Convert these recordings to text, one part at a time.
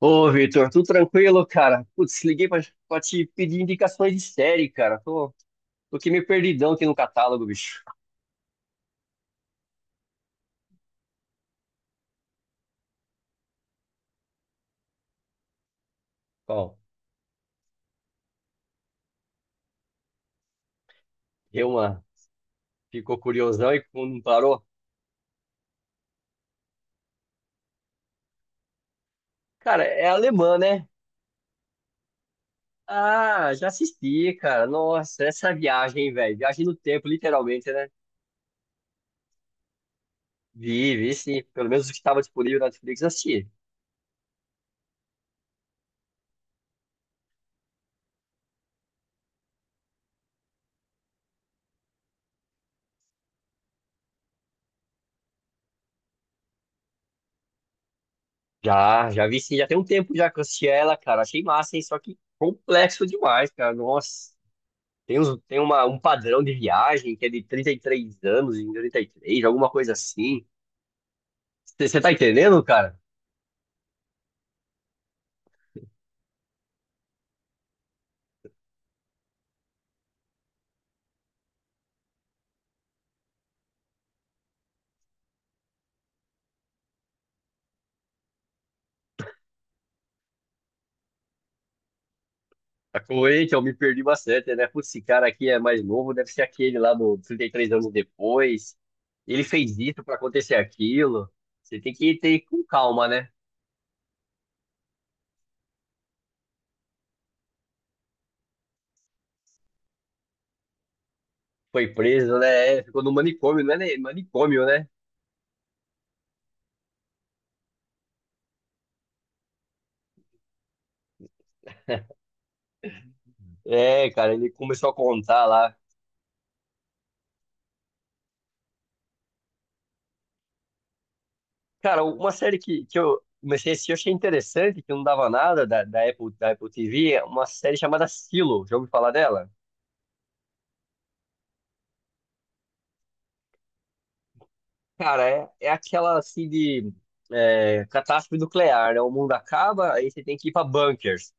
Ô, Vitor, tudo tranquilo, cara? Putz, liguei pra te pedir indicações de série, cara. Tô aqui meio perdidão aqui no catálogo, bicho. Qual? Deu uma... Ficou curiosão e não parou? Cara, é alemã, né? Ah, já assisti, cara. Nossa, essa viagem, velho. Viagem no tempo, literalmente, né? Vi, vi sim. Pelo menos o que estava disponível na Netflix, eu assisti. Já, já vi sim. Já tem um tempo já que eu assisti ela, cara. Achei massa, hein? Só que complexo demais, cara. Nossa. Tem, uns, tem uma, um padrão de viagem que é de 33 anos em 33 alguma coisa assim. Você tá entendendo, cara? Tá coerente, eu me perdi bastante, né? Putz, esse cara aqui é mais novo, deve ser aquele lá do 33 anos depois. Ele fez isso pra acontecer aquilo. Você tem que ter com calma, né? Foi preso, né? É, ficou no manicômio, não é nem- manicômio, né? É, cara, ele começou a contar lá. Cara, uma série que eu comecei a assistir, eu achei interessante, que não dava nada da Apple, da Apple TV, é uma série chamada Silo. Já ouviu falar dela? Cara, é aquela assim de é, catástrofe nuclear, né? O mundo acaba, aí você tem que ir pra bunkers,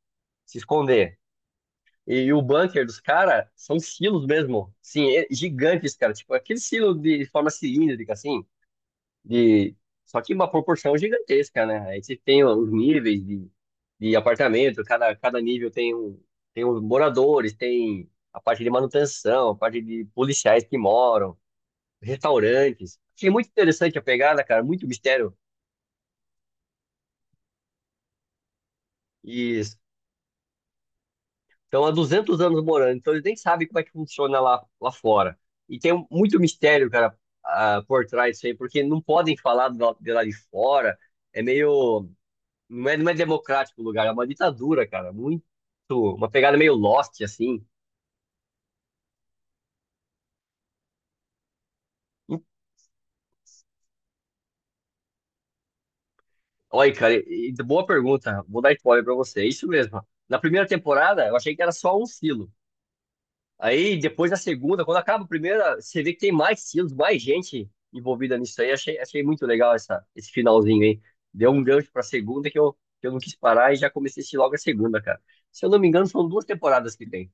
se esconder. E o bunker dos caras são silos mesmo. Sim, é- gigantes, cara. Tipo, aquele silo de forma cilíndrica, assim. De, só que uma proporção gigantesca, né? Aí você tem os níveis de apartamento, cada nível tem um, tem os moradores, tem a parte de manutenção, a parte de policiais que moram, restaurantes. Achei muito interessante a pegada, cara, muito mistério. E estão há duzentos anos morando, então eles nem sabem como é que funciona lá, lá fora. E tem muito mistério, cara, por trás disso aí, porque não podem falar do lado- de lá de fora. É meio, não é, não é democrático o lugar, é uma ditadura, cara. Muito. Uma pegada meio Lost, assim. Olha, cara, e boa pergunta. Vou dar spoiler pra você. É isso mesmo. Na primeira temporada, eu achei que era só um silo. Aí, depois da segunda, quando acaba a primeira, você vê que tem mais silos, mais gente envolvida nisso aí. Achei, achei muito legal essa, esse finalzinho aí. Deu um gancho pra segunda que eu não quis parar e já comecei a assistir logo a segunda, cara. Se eu não me engano, são duas temporadas que tem.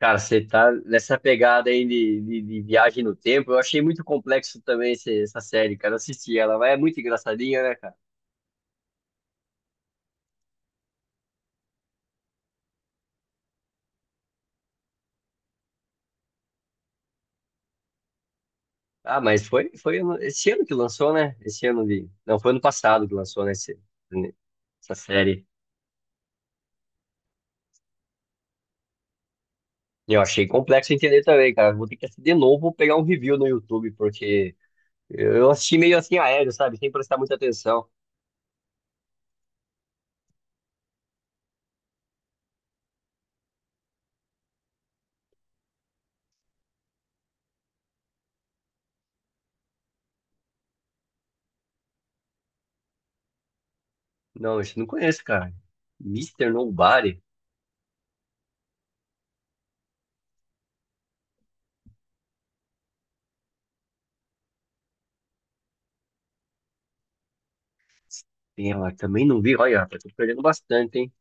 Cara, você tá nessa pegada aí de viagem no tempo. Eu achei muito complexo também esse- essa série, cara. Eu assisti ela, mas é muito engraçadinha, né, cara? Ah, mas foi, foi ano- esse ano que lançou, né? Esse ano de. Não, foi ano passado que lançou, né? Esse- essa série. E eu achei complexo entender também, cara. Vou ter que assistir de novo, pegar um review no YouTube, porque eu assisti meio assim aéreo, sabe? Sem prestar muita atenção. Não, isso eu não conheço, cara. Mister Nobody. Tem ela, também não vi. Olha, rapaz, tô perdendo bastante, hein?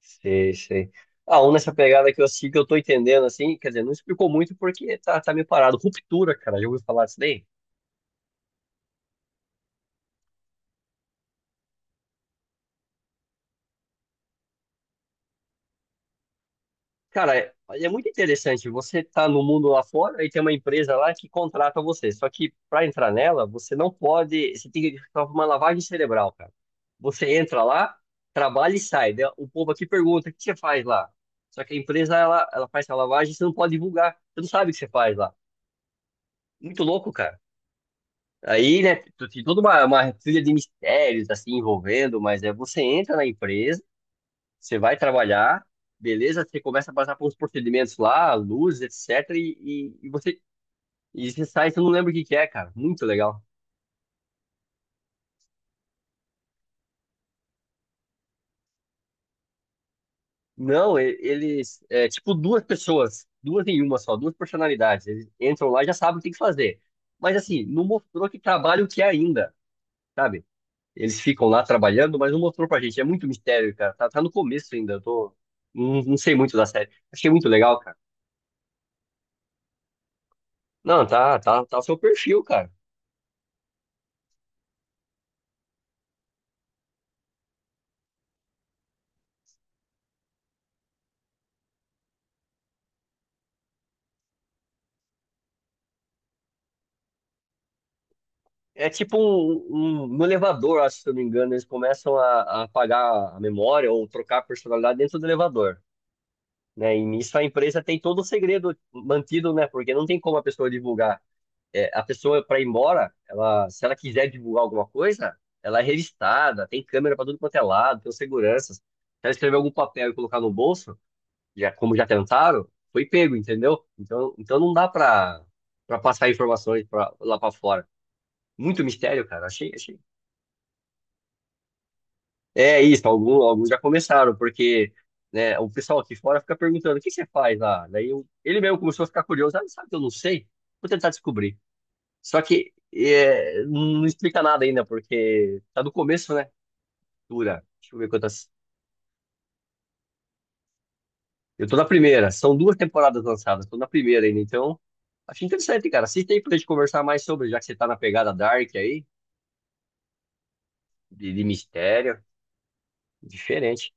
Sei, sei. Ah, um nessa pegada que eu assisti que eu tô entendendo, assim, quer dizer, não explicou muito porque tá, tá meio parado. Ruptura, cara, já ouviu falar disso daí? Cara, é muito interessante. Você tá no mundo lá fora e tem uma empresa lá que contrata você. Só que para entrar nela, você não pode. Você tem que fazer uma lavagem cerebral, cara. Você entra lá, trabalha e sai. Daí o povo aqui pergunta: o que você faz lá? Só que a empresa, ela faz essa lavagem, você não pode divulgar. Você não sabe o que você faz lá. Muito louco, cara. Aí, né, tu tem toda uma trilha de mistérios, assim, envolvendo, mas é, você entra na empresa, você vai trabalhar, beleza? Você começa a passar por uns procedimentos lá, luz, etc, e você, e você sai, você não lembra o que que é, cara. Muito legal. Não, e- eles, é tipo duas pessoas, duas em uma só, duas personalidades. Eles entram lá e já sabem o que tem que fazer. Mas, assim, não mostrou que trabalho que é ainda, sabe? Eles ficam lá trabalhando, mas não mostrou pra gente. É muito mistério, cara. Tá, tá no começo ainda. Eu tô. Não, não sei muito da série. Achei muito legal, cara. Não, tá o seu perfil, cara. É tipo um, no elevador, acho, se eu não me engano, eles começam a apagar a memória ou trocar a personalidade dentro do elevador, né? E nisso a empresa tem todo o segredo mantido, né? Porque não tem como a pessoa divulgar. É, a pessoa para ir embora, ela, se ela quiser divulgar alguma coisa, ela é revistada, tem câmera para tudo quanto é lado, tem seguranças. Se ela escrever algum papel e colocar no bolso, já como já tentaram, foi pego, entendeu? Então, então não dá para para passar informações pra, lá para fora. Muito mistério, cara. Achei, achei. É isso, algum, alguns já começaram, porque né, o pessoal aqui fora fica perguntando: o que você faz lá? Daí eu- ele mesmo começou a ficar curioso: ah, sabe que eu não sei? Vou tentar descobrir. Só que é, não explica nada ainda, porque tá do começo, né? Dura. Deixa eu ver quantas. Eu tô na primeira. São duas temporadas lançadas. Tô na primeira ainda, então. Acho interessante, cara. Assista aí pra gente conversar mais sobre, já que você tá na pegada Dark aí, de mistério. Diferente.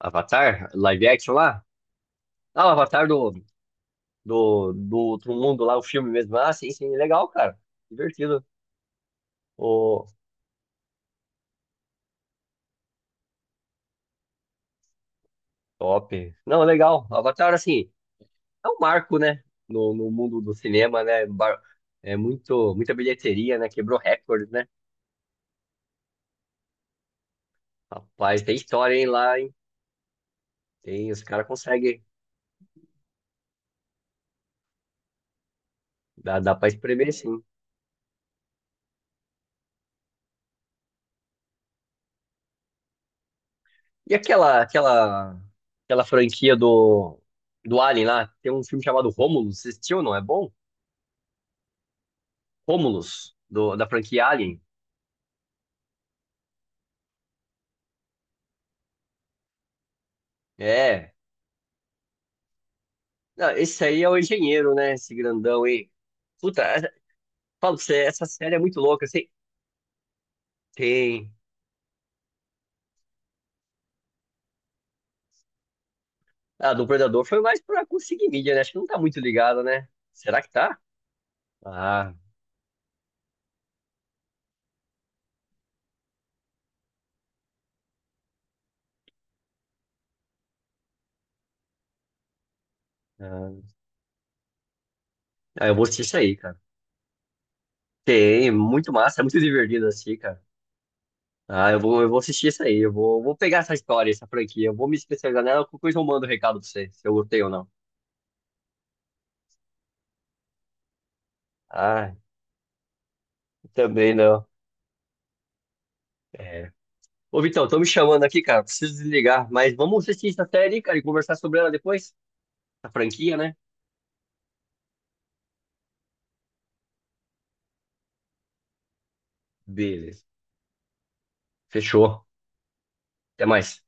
Avatar? Live action lá? Ah, o Avatar do outro mundo lá, o filme mesmo. Ah, sim, sim. Legal, cara. Divertido. Ô, top. Não, legal. Avatar, assim. É um marco, né? No mundo do cinema, né? Bar- é muito, muita bilheteria, né? Quebrou recorde, né? Rapaz, tem história, hein, lá, hein? Tem, os caras conseguem. Dá, dá pra espremer, sim. E aquela franquia do Alien lá? Tem um filme chamado Romulus. Você assistiu, não? É bom? Romulus, do, da franquia Alien. É. Não, esse aí é o engenheiro, né? Esse grandão aí. Puta, essa- falo pra você, essa série é muito louca. Assim, tem. Ah, do Predador foi mais pra conseguir mídia, né? Acho que não tá muito ligado, né? Será que tá? Ah, ah, eu vou assistir isso aí, cara. Tem, muito massa, é muito divertido assistir, cara. Ah, eu vou assistir isso aí, eu vou, vou pegar essa história, essa franquia, eu vou me especializar nela, qualquer coisa eu mando o recado pra você, se eu gostei ou não. Ah, também não. É. Ô, Vitão, tô me chamando aqui, cara, preciso desligar, mas vamos assistir essa série, cara, e conversar sobre ela depois? A franquia, né? Beleza. Fechou. Até mais.